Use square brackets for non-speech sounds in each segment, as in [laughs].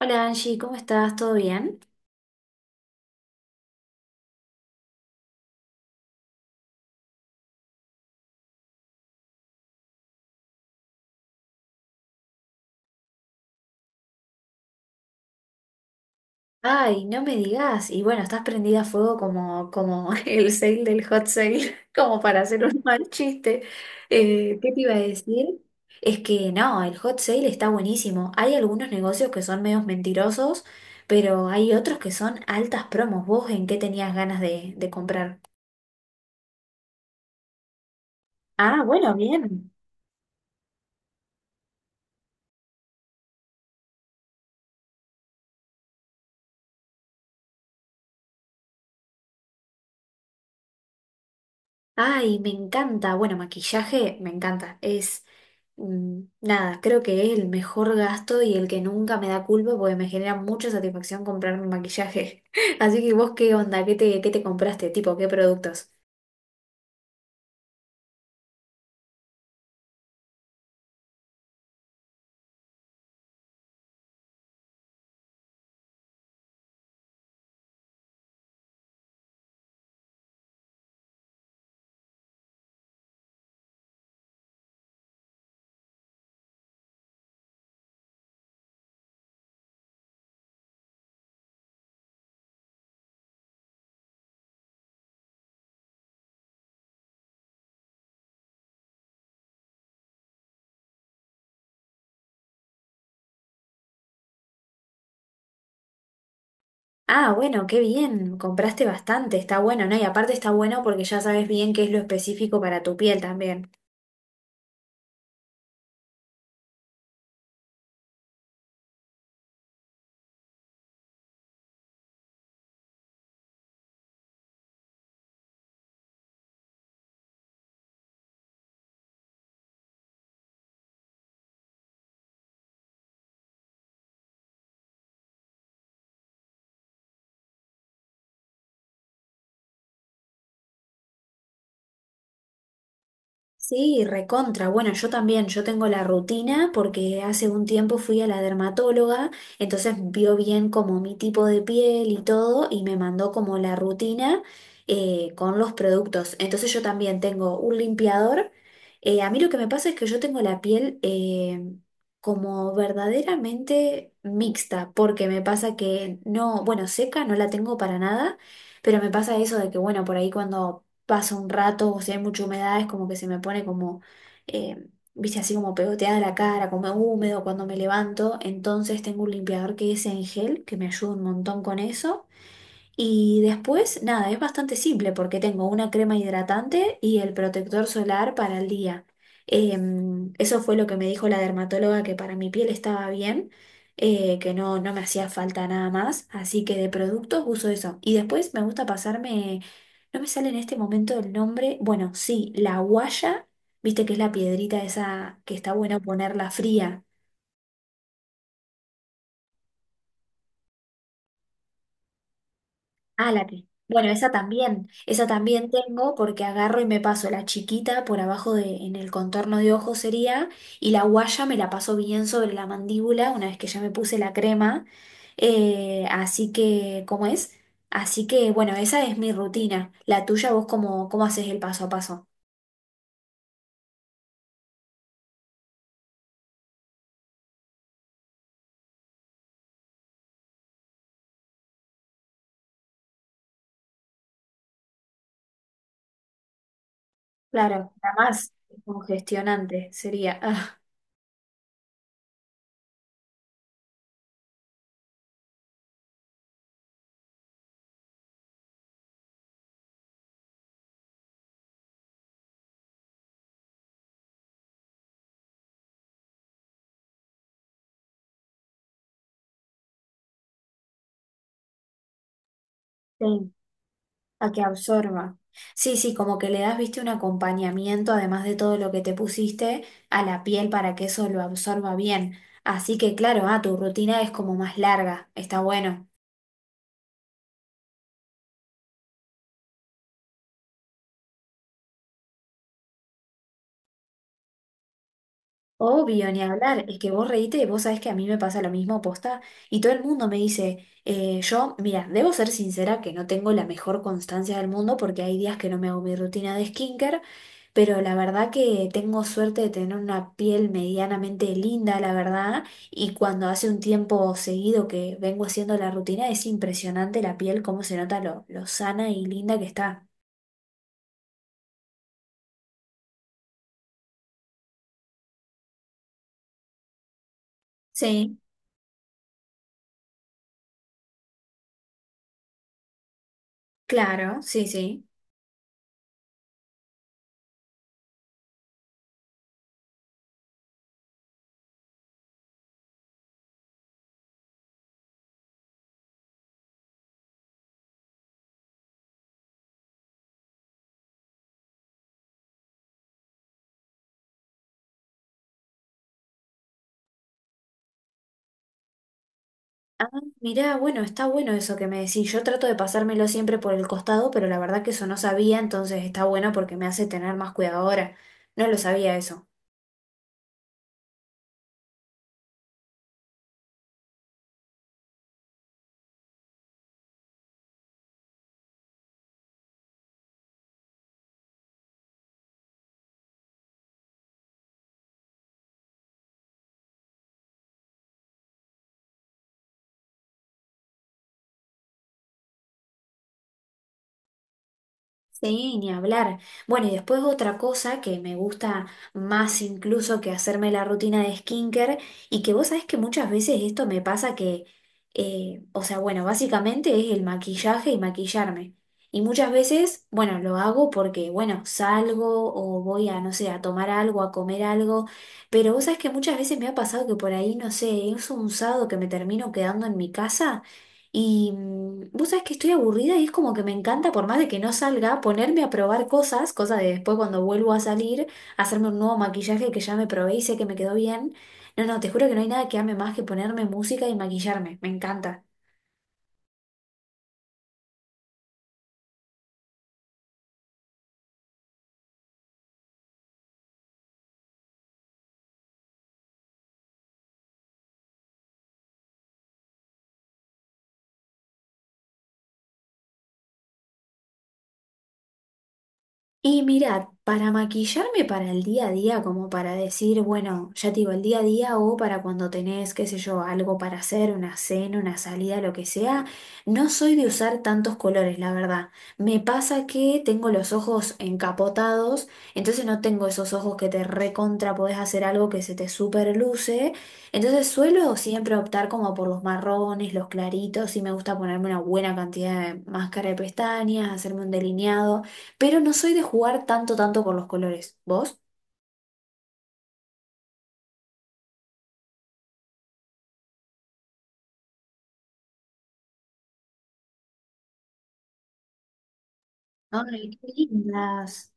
Hola Angie, ¿cómo estás? ¿Todo bien? Ay, no me digas. Y bueno, estás prendida a fuego como, como [laughs] el sale del hot sale, [laughs] como para hacer un mal chiste. ¿Qué te iba a decir? Es que no, el hot sale está buenísimo. Hay algunos negocios que son medios mentirosos, pero hay otros que son altas promos. ¿Vos en qué tenías ganas de comprar? Ah, bueno, bien. Ay, me encanta. Bueno, maquillaje, me encanta. Nada, creo que es el mejor gasto y el que nunca me da culpa porque me genera mucha satisfacción comprarme maquillaje. [laughs] Así que vos, ¿qué onda? ¿Qué qué te compraste? Tipo, ¿qué productos? Ah, bueno, qué bien. Compraste bastante. Está bueno, ¿no? Y aparte está bueno porque ya sabes bien qué es lo específico para tu piel también. Sí, recontra. Bueno, yo también, yo tengo la rutina porque hace un tiempo fui a la dermatóloga, entonces vio bien como mi tipo de piel y todo y me mandó como la rutina con los productos. Entonces yo también tengo un limpiador. A mí lo que me pasa es que yo tengo la piel como verdaderamente mixta, porque me pasa que no, bueno, seca no la tengo para nada, pero me pasa eso de que, bueno, por ahí cuando pasa un rato o si hay mucha humedad es como que se me pone como, eh, viste, así como pegoteada la cara, como húmedo cuando me levanto. Entonces tengo un limpiador que es en gel, que me ayuda un montón con eso. Y después, nada, es bastante simple porque tengo una crema hidratante y el protector solar para el día. Eso fue lo que me dijo la dermatóloga que para mi piel estaba bien, que no me hacía falta nada más, así que de productos uso eso. Y después me gusta pasarme, no me sale en este momento el nombre, bueno, sí, la guaya, viste que es la piedrita esa que está buena ponerla fría. Ah, la que. Bueno, esa también tengo porque agarro y me paso la chiquita por abajo de, en el contorno de ojo sería, y la guaya me la paso bien sobre la mandíbula una vez que ya me puse la crema. Así que, ¿cómo es? Así que, bueno, esa es mi rutina. La tuya, vos cómo, cómo haces el paso a paso. Claro, la más congestionante sería. [laughs] Ah, sí. A que absorba. Sí, sí, como que le das, viste, un acompañamiento, además de todo lo que te pusiste, a la piel para que eso lo absorba bien. Así que claro, ah, tu rutina es como más larga, está bueno. Obvio, ni hablar, es que vos reíte y vos sabés que a mí me pasa lo mismo, posta, y todo el mundo me dice, yo, mira, debo ser sincera que no tengo la mejor constancia del mundo porque hay días que no me hago mi rutina de skincare. Pero la verdad que tengo suerte de tener una piel medianamente linda, la verdad, y cuando hace un tiempo seguido que vengo haciendo la rutina, es impresionante la piel, cómo se nota lo sana y linda que está. Sí, claro, sí, sí. Ah, mirá, bueno, está bueno eso que me decís. Yo trato de pasármelo siempre por el costado, pero la verdad que eso no sabía, entonces está bueno porque me hace tener más cuidado ahora. No lo sabía eso. Sí, ni hablar. Bueno, y después otra cosa que me gusta más incluso que hacerme la rutina de skincare y que vos sabés que muchas veces esto me pasa que, o sea, bueno, básicamente es el maquillaje y maquillarme. Y muchas veces, bueno, lo hago porque, bueno, salgo o voy a, no sé, a tomar algo, a comer algo, pero vos sabés que muchas veces me ha pasado que por ahí, no sé, es un sábado que me termino quedando en mi casa. Vos sabés que estoy aburrida y es como que me encanta, por más de que no salga, ponerme a probar cosas, cosa de después cuando vuelvo a salir, hacerme un nuevo maquillaje que ya me probé y sé que me quedó bien. No, no, te juro que no hay nada que ame más que ponerme música y maquillarme, me encanta. Y mirad, para maquillarme para el día a día, como para decir, bueno, ya te digo, el día a día o para cuando tenés, qué sé yo, algo para hacer, una cena, una salida, lo que sea, no soy de usar tantos colores, la verdad. Me pasa que tengo los ojos encapotados, entonces no tengo esos ojos que te recontra, podés hacer algo que se te superluce. Entonces suelo siempre optar como por los marrones, los claritos, y me gusta ponerme una buena cantidad de máscara de pestañas, hacerme un delineado. Pero no soy de jugar tanto, tanto con los colores. ¿Vos? Ay, qué lindas.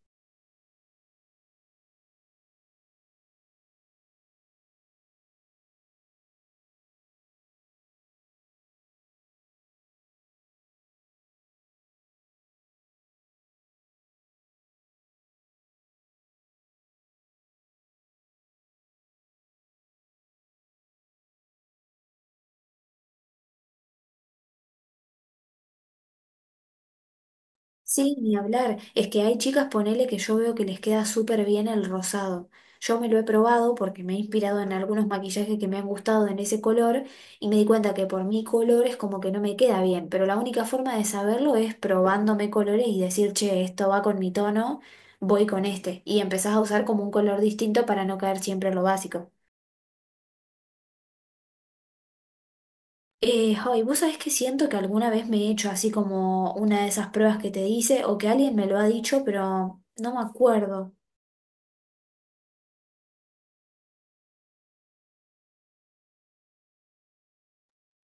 Sí, ni hablar. Es que hay chicas, ponele, que yo veo que les queda súper bien el rosado. Yo me lo he probado porque me he inspirado en algunos maquillajes que me han gustado en ese color y me di cuenta que por mi color es como que no me queda bien. Pero la única forma de saberlo es probándome colores y decir, che, esto va con mi tono, voy con este. Y empezás a usar como un color distinto para no caer siempre en lo básico. Ay, vos sabés que siento que alguna vez me he hecho así como una de esas pruebas que te dice o que alguien me lo ha dicho, pero no me acuerdo.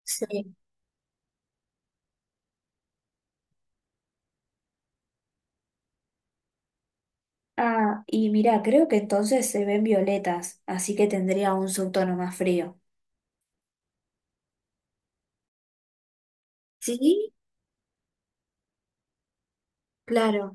Sí. Ah, y mira, creo que entonces se ven violetas, así que tendría un subtono más frío. ¿Sí? Claro.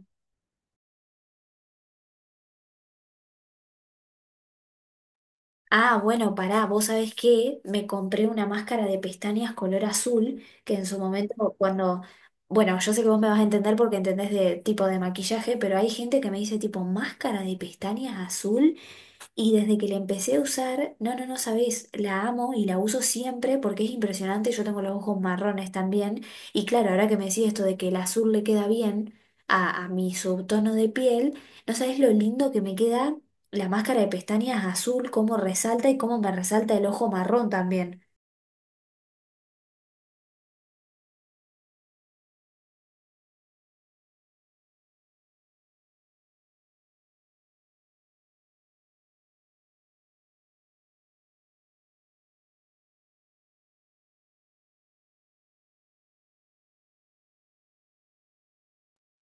Ah, bueno, pará, vos sabés que me compré una máscara de pestañas color azul, que en su momento cuando, bueno, yo sé que vos me vas a entender porque entendés de tipo de maquillaje, pero hay gente que me dice tipo máscara de pestañas azul. Y desde que la empecé a usar, no, no, no sabés, la amo y la uso siempre porque es impresionante. Yo tengo los ojos marrones también. Y claro, ahora que me decís esto de que el azul le queda bien a mi subtono de piel, no sabés lo lindo que me queda la máscara de pestañas azul, cómo resalta y cómo me resalta el ojo marrón también.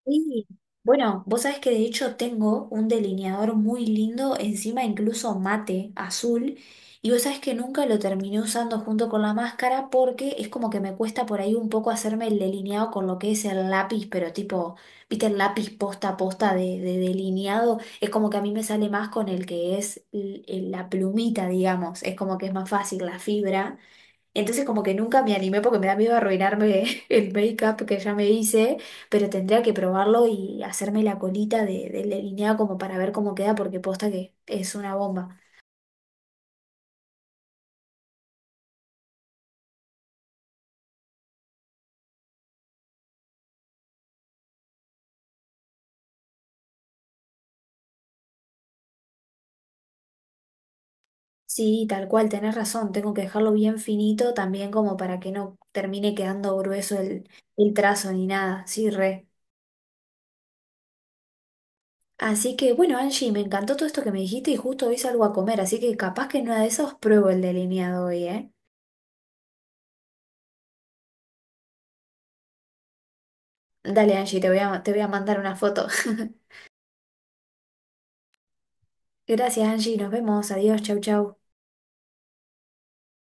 Sí. Bueno, vos sabés que de hecho tengo un delineador muy lindo, encima incluso mate, azul, y vos sabés que nunca lo terminé usando junto con la máscara porque es como que me cuesta por ahí un poco hacerme el delineado con lo que es el lápiz, pero tipo, viste el lápiz posta a posta de delineado, es como que a mí me sale más con el que es la plumita, digamos, es como que es más fácil la fibra. Entonces como que nunca me animé porque me da miedo arruinarme [laughs] el make-up que ya me hice, pero tendría que probarlo y hacerme la colita de delineada como para ver cómo queda porque posta que es una bomba. Sí, tal cual, tenés razón, tengo que dejarlo bien finito también como para que no termine quedando grueso el trazo ni nada, sí, re. Así que bueno, Angie, me encantó todo esto que me dijiste y justo hoy salgo a comer, así que capaz que en una de esas pruebo el delineado hoy, ¿eh? Dale, Angie, te voy a mandar una foto. [laughs] Gracias, Angie. Nos vemos. Adiós. Chau, chau.